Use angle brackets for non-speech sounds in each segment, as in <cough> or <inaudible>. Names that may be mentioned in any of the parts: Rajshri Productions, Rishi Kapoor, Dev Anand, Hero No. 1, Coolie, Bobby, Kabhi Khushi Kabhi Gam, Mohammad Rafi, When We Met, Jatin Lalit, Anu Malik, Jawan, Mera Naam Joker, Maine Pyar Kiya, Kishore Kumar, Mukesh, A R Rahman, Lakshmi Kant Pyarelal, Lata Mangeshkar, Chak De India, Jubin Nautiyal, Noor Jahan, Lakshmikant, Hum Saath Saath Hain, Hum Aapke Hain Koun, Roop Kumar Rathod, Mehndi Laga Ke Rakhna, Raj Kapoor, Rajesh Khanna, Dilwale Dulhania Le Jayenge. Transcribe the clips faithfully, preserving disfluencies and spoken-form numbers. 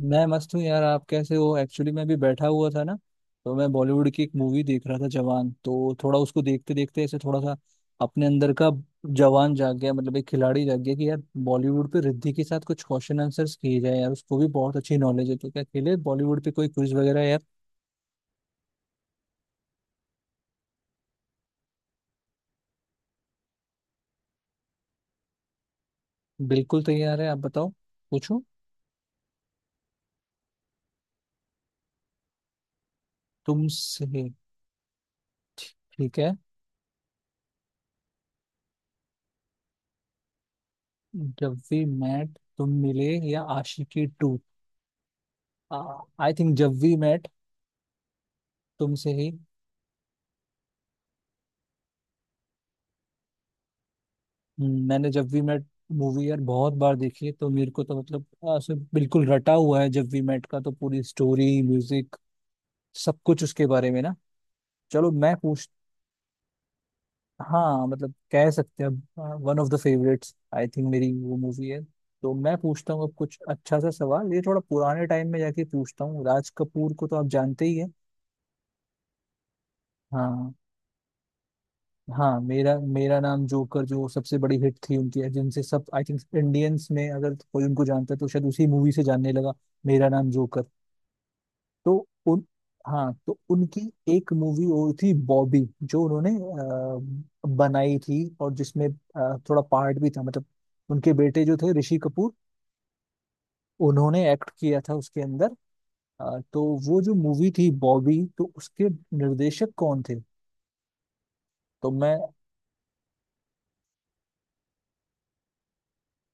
मैं मस्त हूँ यार। आप कैसे हो? एक्चुअली मैं भी बैठा हुआ था ना, तो मैं बॉलीवुड की एक मूवी देख रहा था, जवान। तो थोड़ा उसको देखते देखते ऐसे थोड़ा सा अपने अंदर का जवान जाग गया। मतलब एक खिलाड़ी जाग गया कि यार बॉलीवुड पे रिद्धि के साथ कुछ क्वेश्चन आंसर्स किए जाए। यार उसको भी बहुत अच्छी नॉलेज है। तो क्या खेले बॉलीवुड पे कोई क्विज वगैरह यार। बिल्कुल तैयार है, आप बताओ। पूछूं तुमसे। ठीक है। जब वी मेट, तुम मिले या Aashiqui two. I think Jab we met. तुमसे ही। हम्म, मैंने जब वी मेट मूवी यार बहुत बार देखी है, तो मेरे को तो मतलब ऐसे बिल्कुल रटा हुआ है। जब वी मेट का तो पूरी स्टोरी, म्यूजिक, सब कुछ उसके बारे में ना। चलो मैं पूछ। हाँ मतलब कह सकते हैं, one of the favourites I think मेरी वो मूवी है। तो मैं पूछता हूँ अब कुछ अच्छा सा सवाल। ये थोड़ा पुराने टाइम में जाके पूछता हूँ। राज कपूर को तो आप जानते ही हैं। हाँ हाँ। मेरा मेरा नाम जोकर जो सबसे बड़ी हिट थी उनकी, जिनसे सब आई थिंक इंडियंस में अगर कोई उनको जानता है तो शायद उसी मूवी से जानने लगा। मेरा नाम जोकर। तो उन हाँ तो उनकी एक मूवी और थी, बॉबी, जो उन्होंने अ, बनाई थी, और जिसमें अ, थोड़ा पार्ट भी था, मतलब उनके बेटे जो थे ऋषि कपूर, उन्होंने एक्ट किया था उसके अंदर। अ, तो वो जो मूवी थी बॉबी, तो उसके निर्देशक कौन थे? तो मैं।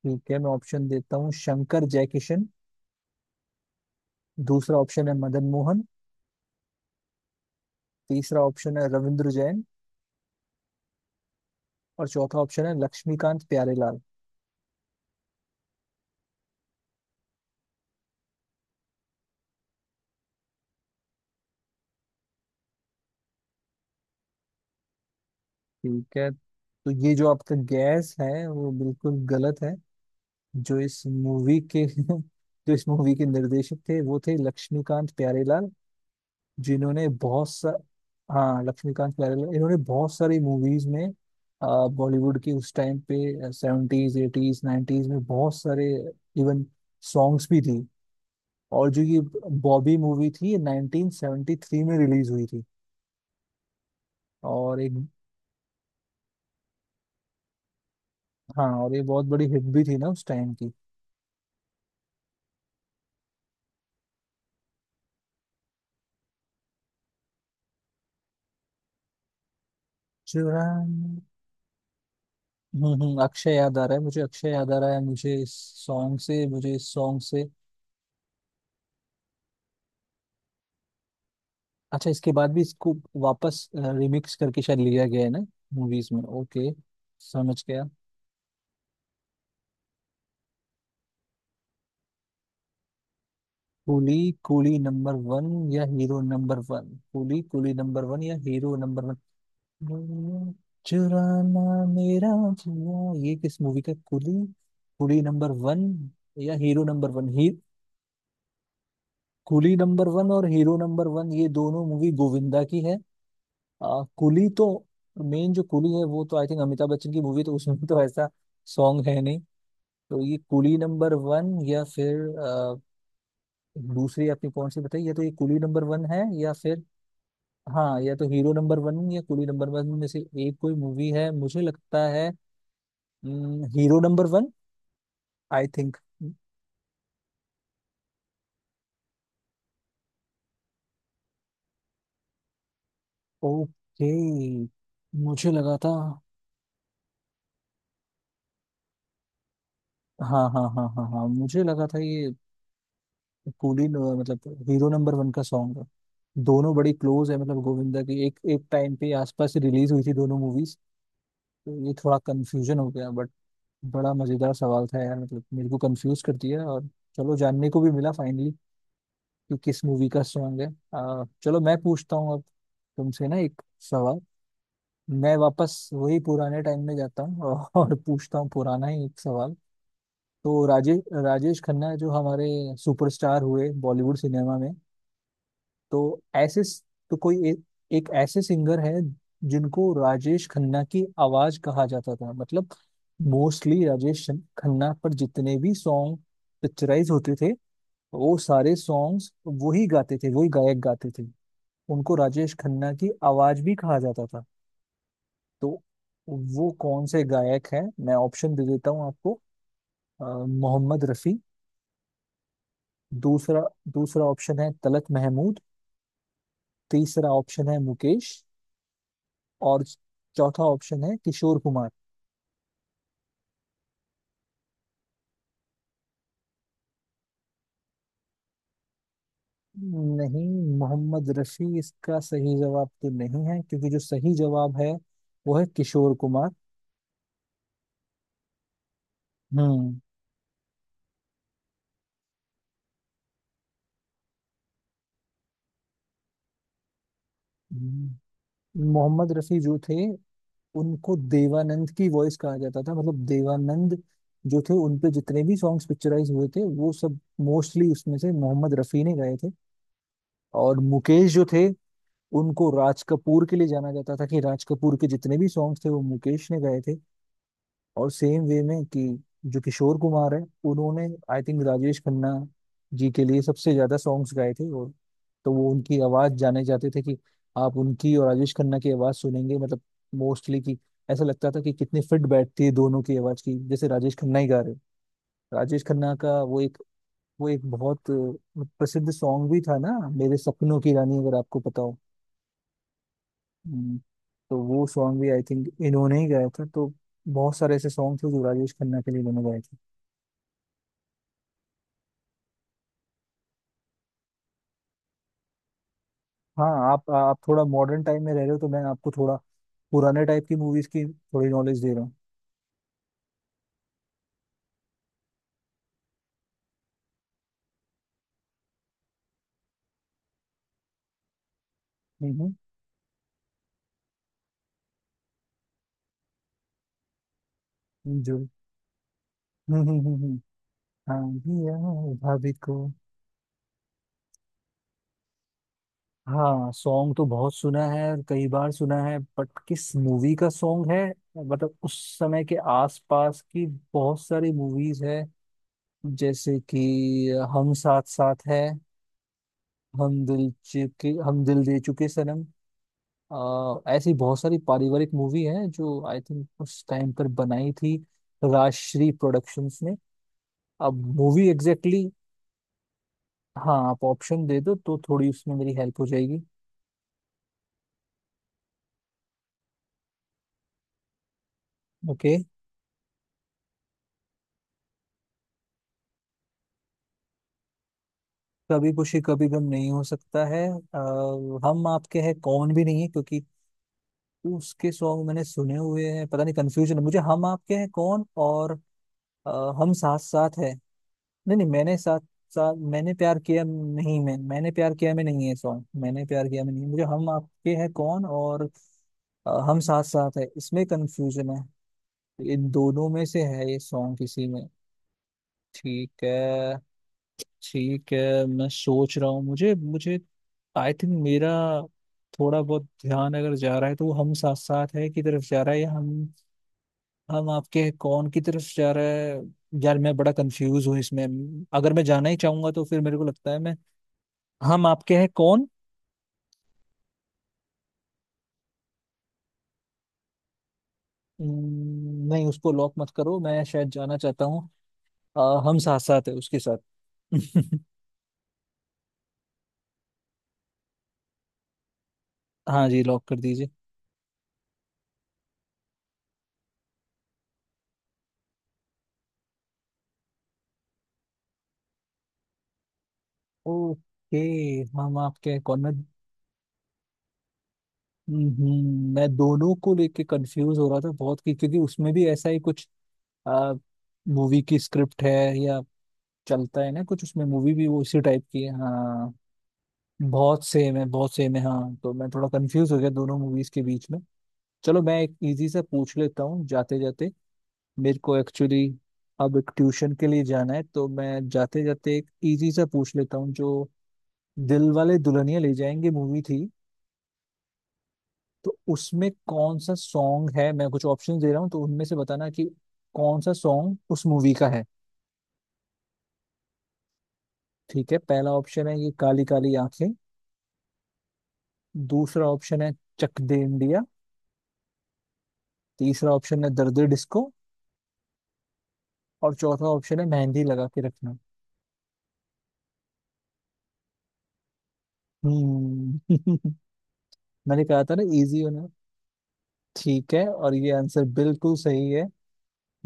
ठीक है, मैं ऑप्शन देता हूँ। शंकर जयकिशन। दूसरा ऑप्शन है मदन मोहन। तीसरा ऑप्शन है रविंद्र जैन। और चौथा ऑप्शन है लक्ष्मीकांत प्यारेलाल। ठीक है, तो ये जो आपका गैस है वो बिल्कुल गलत है। जो इस मूवी के <laughs> जो इस मूवी के निर्देशक थे वो थे लक्ष्मीकांत प्यारेलाल, जिन्होंने बहुत सा। हाँ, लक्ष्मीकांत प्यारेलाल, इन्होंने बहुत सारी मूवीज में अ, बॉलीवुड की, उस टाइम पे सेवेंटीज एटीज नाइन्टीज में, बहुत सारे इवन सॉन्ग्स भी थी। और जो ये बॉबी मूवी थी, ये नाइन्टीन सेवेंटी थ्री में रिलीज हुई थी। और एक। हाँ, और ये बहुत बड़ी हिट भी थी ना उस टाइम की। चुरान। हम्म हम्म अक्षय याद आ रहा है मुझे, अक्षय याद आ रहा है मुझे इस सॉन्ग से, मुझे इस सॉन्ग से। अच्छा, इसके बाद भी इसको वापस रिमिक्स करके शायद लिया गया है ना मूवीज में। ओके, समझ गया। कूली, कूली नंबर वन या hero number one? Coolie, Coolie number one या हीरो नंबर वन? वो चुराना मेरा जुआ, ये किस मूवी का? कुली, कुली नंबर वन या हीरो नंबर वन ही? कुली नंबर वन और हीरो नंबर वन, ये दोनों मूवी गोविंदा की है। आ, कुली तो, मेन जो कुली है वो तो आई थिंक अमिताभ बच्चन की मूवी, तो उसमें तो ऐसा सॉन्ग है नहीं। तो ये कुली नंबर वन या फिर आ, दूसरी आपने कौन सी बताई? या तो ये कुली नंबर वन है या फिर। हाँ, या तो हीरो नंबर वन या कुली नंबर वन में से एक कोई मूवी है मुझे लगता है। Hero number one I think. Okay, मुझे लगा था। हाँ, हाँ, हाँ, हाँ, हाँ, मुझे लगा था ये कूली न- मतलब हीरो नंबर वन का सॉन्ग है। दोनों बड़ी क्लोज है मतलब, गोविंदा की एक एक टाइम पे आसपास रिलीज हुई थी दोनों मूवीज। तो ये थोड़ा कंफ्यूजन हो गया बट बड़ा मजेदार सवाल था यार, मतलब मेरे को कंफ्यूज कर दिया। और चलो, जानने को भी मिला फाइनली कि किस मूवी का सॉन्ग है। आ, चलो मैं पूछता हूँ अब तुमसे ना एक सवाल। मैं वापस वही पुराने टाइम में जाता हूँ और <laughs> पूछता हूँ पुराना ही एक सवाल। तो राजेश राजेश खन्ना जो हमारे सुपरस्टार हुए बॉलीवुड सिनेमा में, तो ऐसे तो कोई एक, एक ऐसे सिंगर है जिनको राजेश खन्ना की आवाज कहा जाता था, मतलब मोस्टली राजेश शन- खन्ना पर जितने भी सॉन्ग पिक्चराइज होते थे, वो सारे सॉन्ग्स वही गाते थे, वही गायक गाते थे। उनको राजेश खन्ना की आवाज भी कहा जाता था। तो वो कौन से गायक हैं? मैं ऑप्शन दे देता हूँ आपको। अ, मोहम्मद रफी। दूसरा दूसरा ऑप्शन है तलत महमूद। तीसरा ऑप्शन है मुकेश। और चौथा ऑप्शन है किशोर कुमार। नहीं, मोहम्मद रफी इसका सही जवाब तो नहीं है, क्योंकि जो सही जवाब है वो है किशोर कुमार। हम्म हम्म। मोहम्मद रफी जो थे, उनको देवानंद की वॉइस कहा जाता था, मतलब देवानंद जो थे उनपे जितने भी सॉन्ग्स पिक्चराइज हुए थे वो सब मोस्टली उसमें से मोहम्मद रफी ने गाए थे। और मुकेश जो थे, उनको राज कपूर के लिए जाना जाता था, कि राज कपूर के जितने भी सॉन्ग्स थे वो मुकेश ने गाए थे। और सेम वे में कि जो किशोर कुमार है, उन्होंने आई थिंक राजेश खन्ना जी के लिए सबसे ज्यादा सॉन्ग्स गाए थे। और तो वो उनकी आवाज जाने जाते थे, कि आप उनकी और राजेश खन्ना की आवाज सुनेंगे, मतलब मोस्टली, कि ऐसा लगता था कि कितनी फिट बैठती है दोनों की आवाज की, जैसे राजेश खन्ना ही गा रहे हैं। राजेश खन्ना का वो एक, वो एक बहुत अ, प्रसिद्ध सॉन्ग भी था ना, मेरे सपनों की रानी, अगर आपको पता हो। हम्म, तो वो सॉन्ग भी आई थिंक इन्होंने ही गाया था। तो बहुत सारे ऐसे सॉन्ग थे जो राजेश खन्ना के लिए इन्होंने गाए थे। हाँ, आप आप थोड़ा मॉडर्न टाइम में रह रहे हो, तो मैं आपको थोड़ा पुराने टाइप की मूवीज की थोड़ी नॉलेज दे रहा हूँ। हम्म। हम्म। जो हम्म, हम्म, हम्म, हम्म। हाँ, भैया भाभी को। हाँ, सॉन्ग तो बहुत सुना है और कई बार सुना है, बट किस मूवी का सॉन्ग है? मतलब उस समय के आसपास की बहुत सारी मूवीज है, जैसे कि हम साथ साथ है, हम दिल चुके, हम दिल दे चुके सनम, अ, ऐसी बहुत सारी पारिवारिक मूवी है जो आई थिंक उस टाइम पर बनाई थी राजश्री प्रोडक्शंस ने। अब मूवी एग्जैक्टली exactly। हाँ, आप ऑप्शन दे दो तो थोड़ी उसमें मेरी हेल्प हो जाएगी। ओके। कभी खुशी कभी गम नहीं हो सकता है, अ, हम आपके हैं कौन भी नहीं है, क्योंकि उसके सॉन्ग मैंने सुने हुए हैं। पता नहीं, कंफ्यूजन है मुझे हम आपके हैं कौन और अ, हम साथ साथ है। नहीं, नहीं, मैंने साथ साथ, मैंने प्यार किया, नहीं, मैं मैंने प्यार किया में नहीं है सॉन्ग, मैंने प्यार किया में नहीं है। मुझे हम आपके हैं कौन और अ, हम साथ साथ है, इसमें कंफ्यूजन है। इन दोनों में से है ये सॉन्ग किसी में। ठीक है। ठीक है, मैं सोच रहा हूँ, मुझे मुझे आई थिंक मेरा थोड़ा बहुत ध्यान अगर जा रहा है तो वो हम साथ साथ है की तरफ जा रहा है या हम हम आपके हैं कौन की तरफ जा रहा है। यार मैं बड़ा कंफ्यूज हूँ इसमें। अगर मैं जाना ही चाहूंगा तो फिर मेरे को लगता है मैं हम आपके हैं कौन। हम्म, नहीं, उसको लॉक मत करो, मैं शायद जाना चाहता हूँ अ, हम साथ साथ है उसके साथ। <laughs> हाँ जी, लॉक कर दीजिए। ओके, हम आपके हैं कौन मैं। हम्म, मैं दोनों को लेके कंफ्यूज हो रहा था बहुत, कि क्योंकि उसमें भी ऐसा ही कुछ मूवी की स्क्रिप्ट है या चलता है ना कुछ उसमें, मूवी भी वो इसी टाइप की है, हाँ। बहुत सेम है, बहुत सेम है, हाँ। तो मैं थोड़ा कंफ्यूज हो गया दोनों मूवीज के बीच में। चलो, मैं एक इजी सा पूछ लेता हूँ जाते जाते। मेरे को एक्चुअली अब एक ट्यूशन के लिए जाना है, तो मैं जाते जाते एक इजी सा पूछ लेता हूँ। जो दिल वाले दुल्हनिया ले जाएंगे मूवी थी, तो उसमें कौन सा सॉन्ग है? मैं कुछ ऑप्शन दे रहा हूँ, तो उनमें से बताना कि कौन सा सॉन्ग उस मूवी का है। ठीक है, पहला ऑप्शन है ये काली काली आंखें। दूसरा ऑप्शन है चक दे इंडिया। तीसरा ऑप्शन है दर्द डिस्को। और चौथा ऑप्शन है मेहंदी लगा के रखना। हम्म। <laughs> मैंने कहा था ना, इजी होना। ठीक है, और ये आंसर बिल्कुल सही है।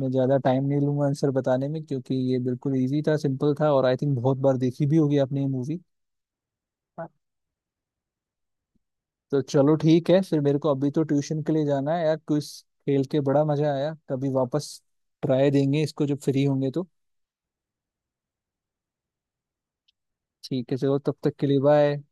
मैं ज्यादा टाइम नहीं लूंगा आंसर बताने में, क्योंकि ये बिल्कुल इजी था, सिंपल था, और आई थिंक बहुत बार देखी भी होगी आपने ये मूवी। तो चलो ठीक है फिर, मेरे को अभी तो ट्यूशन के लिए जाना है यार। क्विज खेल के बड़ा मजा आया, कभी वापस ट्राई देंगे इसको, जब फ्री होंगे तो। ठीक है, चलो, तब तक के लिए बाय।